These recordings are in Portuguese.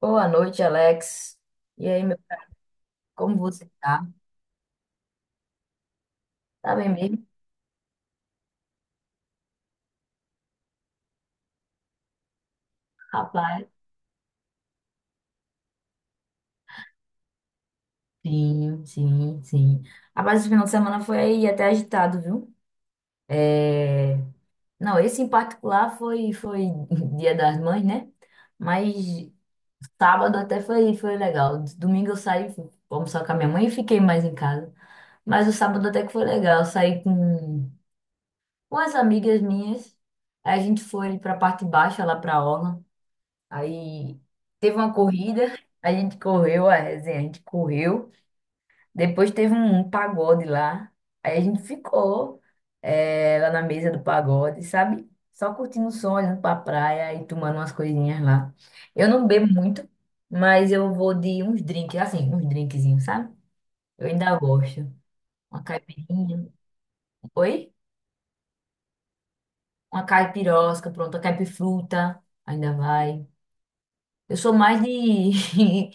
Boa noite, Alex. E aí, meu, como você tá? Tá bem mesmo? Rapaz, sim, sim, sim. Rapaz, esse final de semana foi aí até agitado, viu? É, não, esse em particular foi Dia das Mães, né? Mas sábado até foi legal. Domingo eu saí, fui almoçar com a minha mãe e fiquei mais em casa. Mas o sábado até que foi legal. Eu saí com as amigas minhas. Aí a gente foi pra parte baixa, lá pra orla. Aí teve uma corrida, a gente correu, a resenha, a gente correu. Depois teve um pagode lá. Aí a gente ficou lá na mesa do pagode, sabe? Só curtindo o som, olhando pra praia e tomando umas coisinhas lá. Eu não bebo muito, mas eu vou de uns drinks, assim, uns drinkzinhos, sabe? Eu ainda gosto. Uma caipirinha. Oi? Uma caipirosca, pronto, a caipifruta. Ainda vai. Eu sou mais de,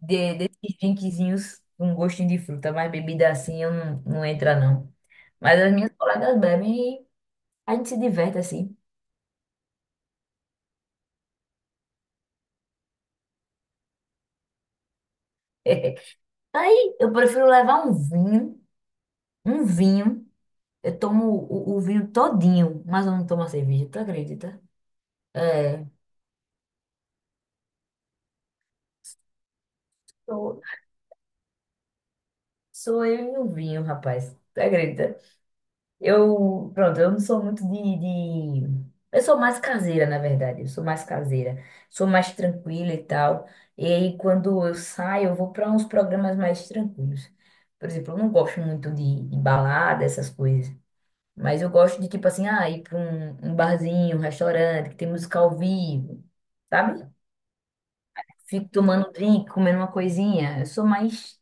de desses drinkzinhos com gostinho de fruta, mas bebida assim eu não, não entra não. Mas as minhas colegas bebem e a gente se diverte assim. Aí eu prefiro levar um vinho, um vinho. Eu tomo o vinho todinho, mas eu não tomo a cerveja, tu acredita? É, sou, sou eu e o vinho, rapaz. Tu acredita? Eu, pronto, eu não sou muito de. Eu sou mais caseira, na verdade. Eu sou mais caseira. Sou mais tranquila e tal. E aí, quando eu saio, eu vou para uns programas mais tranquilos. Por exemplo, eu não gosto muito de balada, essas coisas. Mas eu gosto de, tipo assim, ir para um barzinho, um restaurante, que tem música ao vivo, sabe? Fico tomando um drink, comendo uma coisinha. Eu sou mais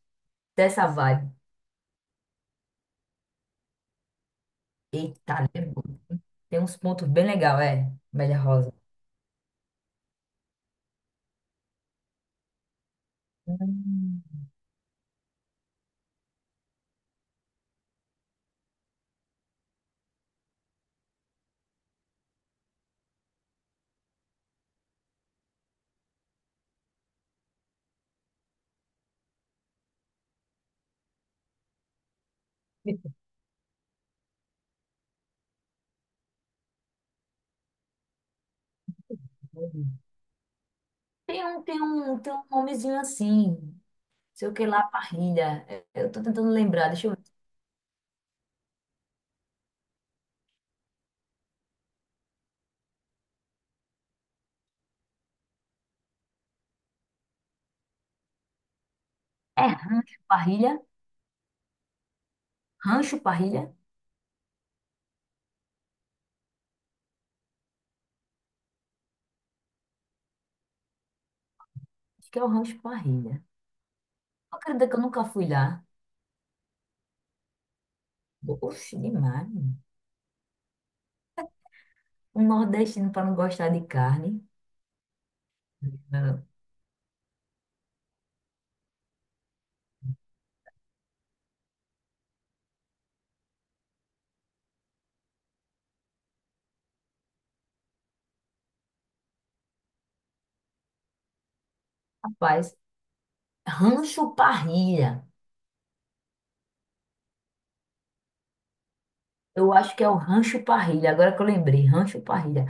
dessa vibe. Eita, tem uns pontos bem legais, é, Média Rosa. Hum. Tem tem um nomezinho assim, sei o que lá, parrilha. É, eu tô tentando lembrar, deixa eu ver. É rancho parrilha? Rancho parrilha? Acho que é o rancho parrilha. Acredita que eu nunca fui lá? Oxe, demais. Um nordestino para não gostar de carne. Não. Rapaz, rancho parrilha. Eu acho que é o rancho parrilha, agora que eu lembrei, rancho parrilha.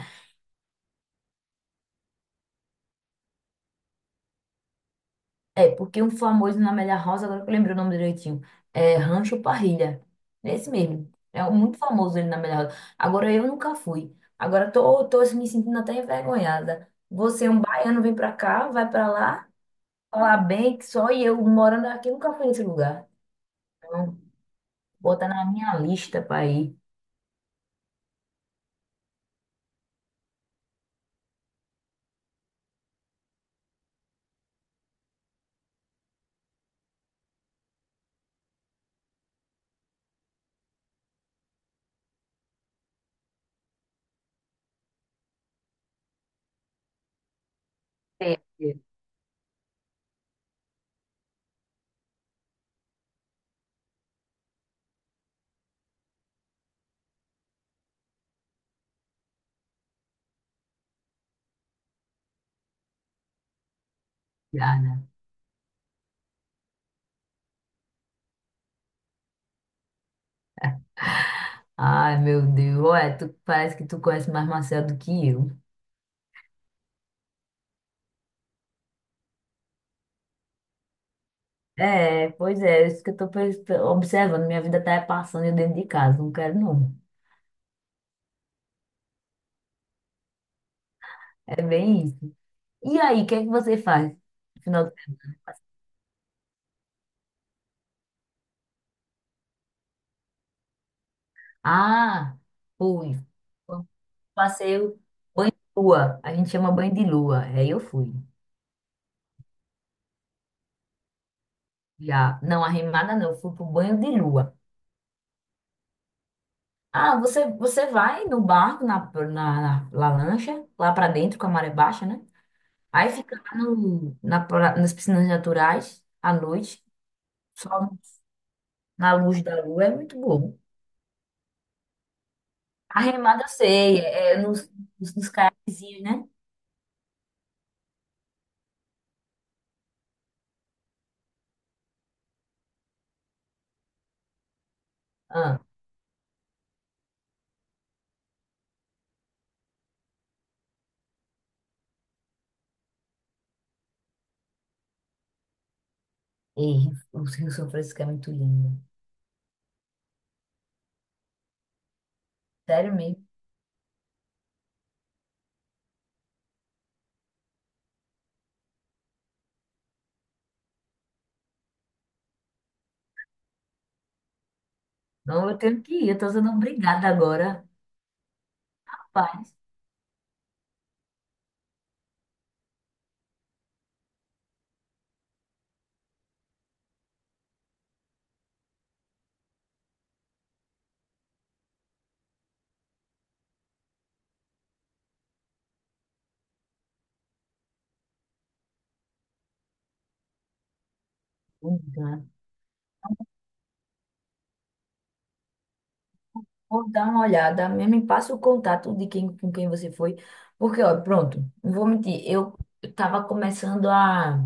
É, porque um famoso na Amélia House, agora que eu lembrei o nome direitinho, é Rancho Parrilha. Esse mesmo. É um- muito famoso ele na Amélia House. Agora eu nunca fui. Agora tô, tô assim, me sentindo até envergonhada. Você, é um baiano, vem pra cá, vai pra lá, falar bem que só eu morando aqui nunca fui nesse lugar. Então, bota na minha lista pra ir. É. Obrigada. Ai, meu Deus. Olha, tu, parece que tu conhece mais Marcelo do que eu. É, pois é, isso que eu tô pens- observando. Minha vida tá passando eu dentro de casa, não quero não. É bem isso. E aí, o que é que você faz? No final... do- Ah, fui. Foi um Passeio lua. A gente chama banho de lua. Aí eu fui. Já, não, arrimada não, eu fui pro banho de lua. Ah, você, você vai no barco, na- na lancha, lá pra dentro com a maré baixa, né? Aí fica lá no, na, pra- nas piscinas naturais à noite, só na luz da lua, é muito bom. A remada eu sei, é nos caiaquezinhos, né? Ah, e o Rio São Francisco é muito lindo. Sério mesmo. Não, eu tenho que ir, eu tô sendo obrigada agora. Rapaz, vou dar vou dar uma olhada, mesmo me passa o contato de quem, com quem você foi. Porque, ó, pronto, não vou mentir, eu tava começando a.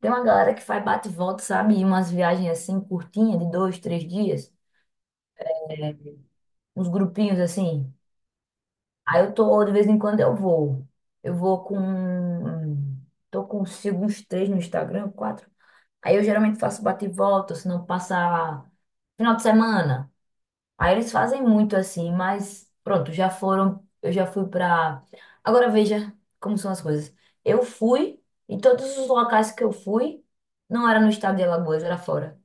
Tem uma galera que faz bate e volta, sabe? E umas viagens assim, curtinhas, de 2, 3 dias. É, uns grupinhos assim. Aí eu tô, de vez em quando eu vou. Eu vou com. Tô consigo uns três no Instagram, quatro. Aí eu geralmente faço bate e volta, se não passar final de semana. Aí eles fazem muito assim, mas pronto, já foram. Eu já fui pra. Agora veja como são as coisas. Eu fui, e todos os locais que eu fui, não era no estado de Alagoas, era fora.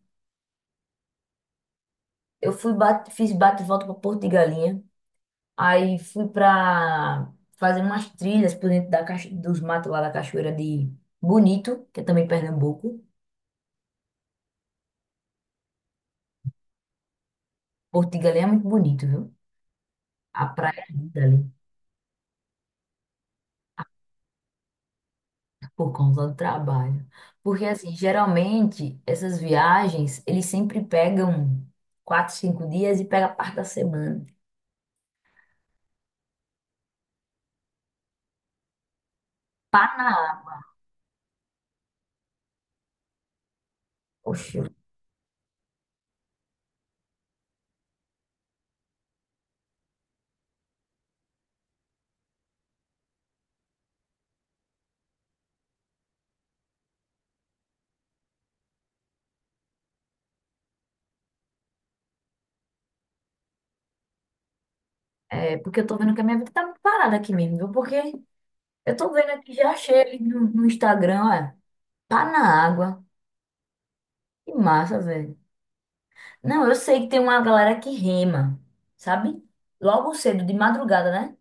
Eu fui, fiz bate e volta pra Porto de Galinha. Aí fui pra fazer umas trilhas por dentro dos matos lá da Cachoeira de Bonito, que é também Pernambuco. Porto de Galinha é muito bonito, viu? A praia é linda ali, por conta do trabalho. Porque, assim, geralmente, essas viagens, eles sempre pegam 4, 5 dias e pega parte da semana. Ah, poxa, é porque eu tô vendo que a minha vida tá muito parada aqui mesmo, viu? Porque eu tô vendo aqui, já achei ali no Instagram, olha, pá na água. Que massa, velho. Não, eu sei que tem uma galera que rema, sabe? Logo cedo, de madrugada, né?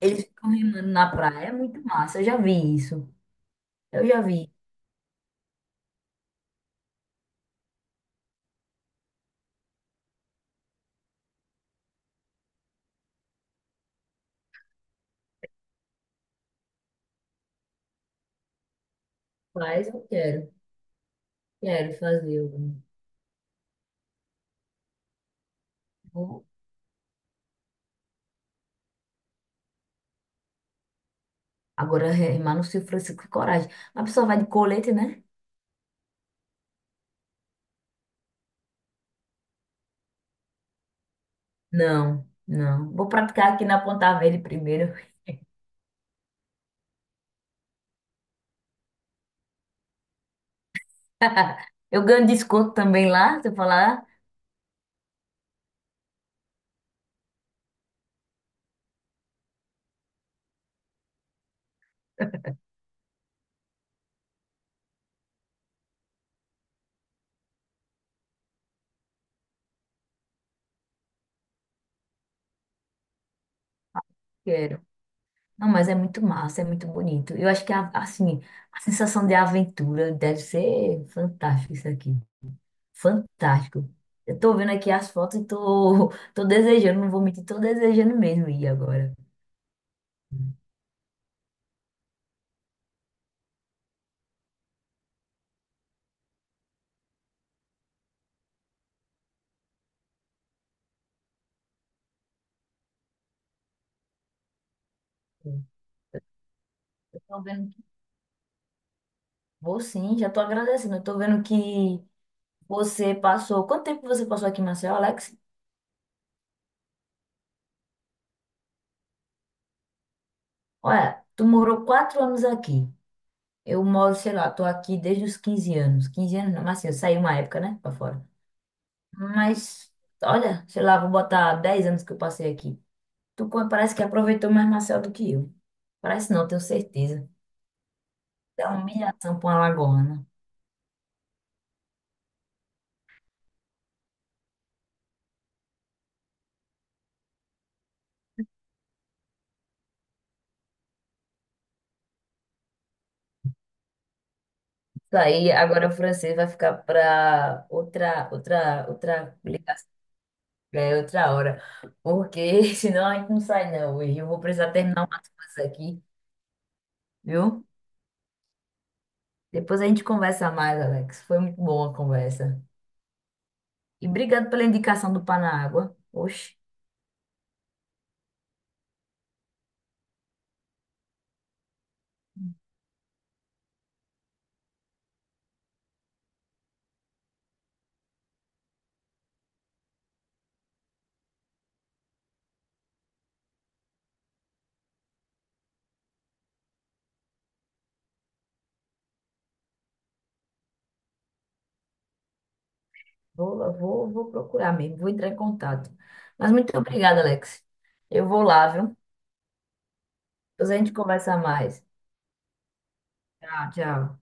Eles ficam remando na praia, é muito massa. Eu já vi isso. Eu já vi. Mas eu quero, quero fazer. Eu vou agora remar no Rio Francisco, que coragem. A pessoa vai de colete, né? Não, não. Vou praticar aqui na Ponta Verde primeiro. Eu ganho desconto também lá, se eu falar, quero. Não, mas é muito massa, é muito bonito. Eu acho que, assim, a sensação de aventura deve ser fantástica isso aqui. Fantástico. Eu tô vendo aqui as fotos e tô, tô desejando, não vou mentir, tô desejando mesmo ir agora. Eu tô vendo que vou sim, já tô agradecendo. Eu tô vendo que você passou. Quanto tempo você passou aqui, em Maceió, Alex? Olha, tu morou 4 anos aqui. Eu moro, sei lá, tô aqui desde os 15 anos. 15 anos não, mas assim, saí uma época, né, pra fora. Mas, olha, sei lá, vou botar 10 anos que eu passei aqui. Parece que aproveitou mais Maceió do que eu. Parece não, tenho certeza. É uma humilhação para uma lagoana. Isso aí, agora o francês vai ficar para outra ligação, né? É, outra hora. Porque senão a gente não sai não hoje. Eu vou precisar terminar umas coisas aqui, viu? Depois a gente conversa mais, Alex. Foi muito boa a conversa. E obrigado pela indicação do Panágua. Oxe, vou procurar mesmo, vou entrar em contato. Mas muito obrigada, Alex. Eu vou lá, viu? Depois a gente conversa mais. Tchau, tchau.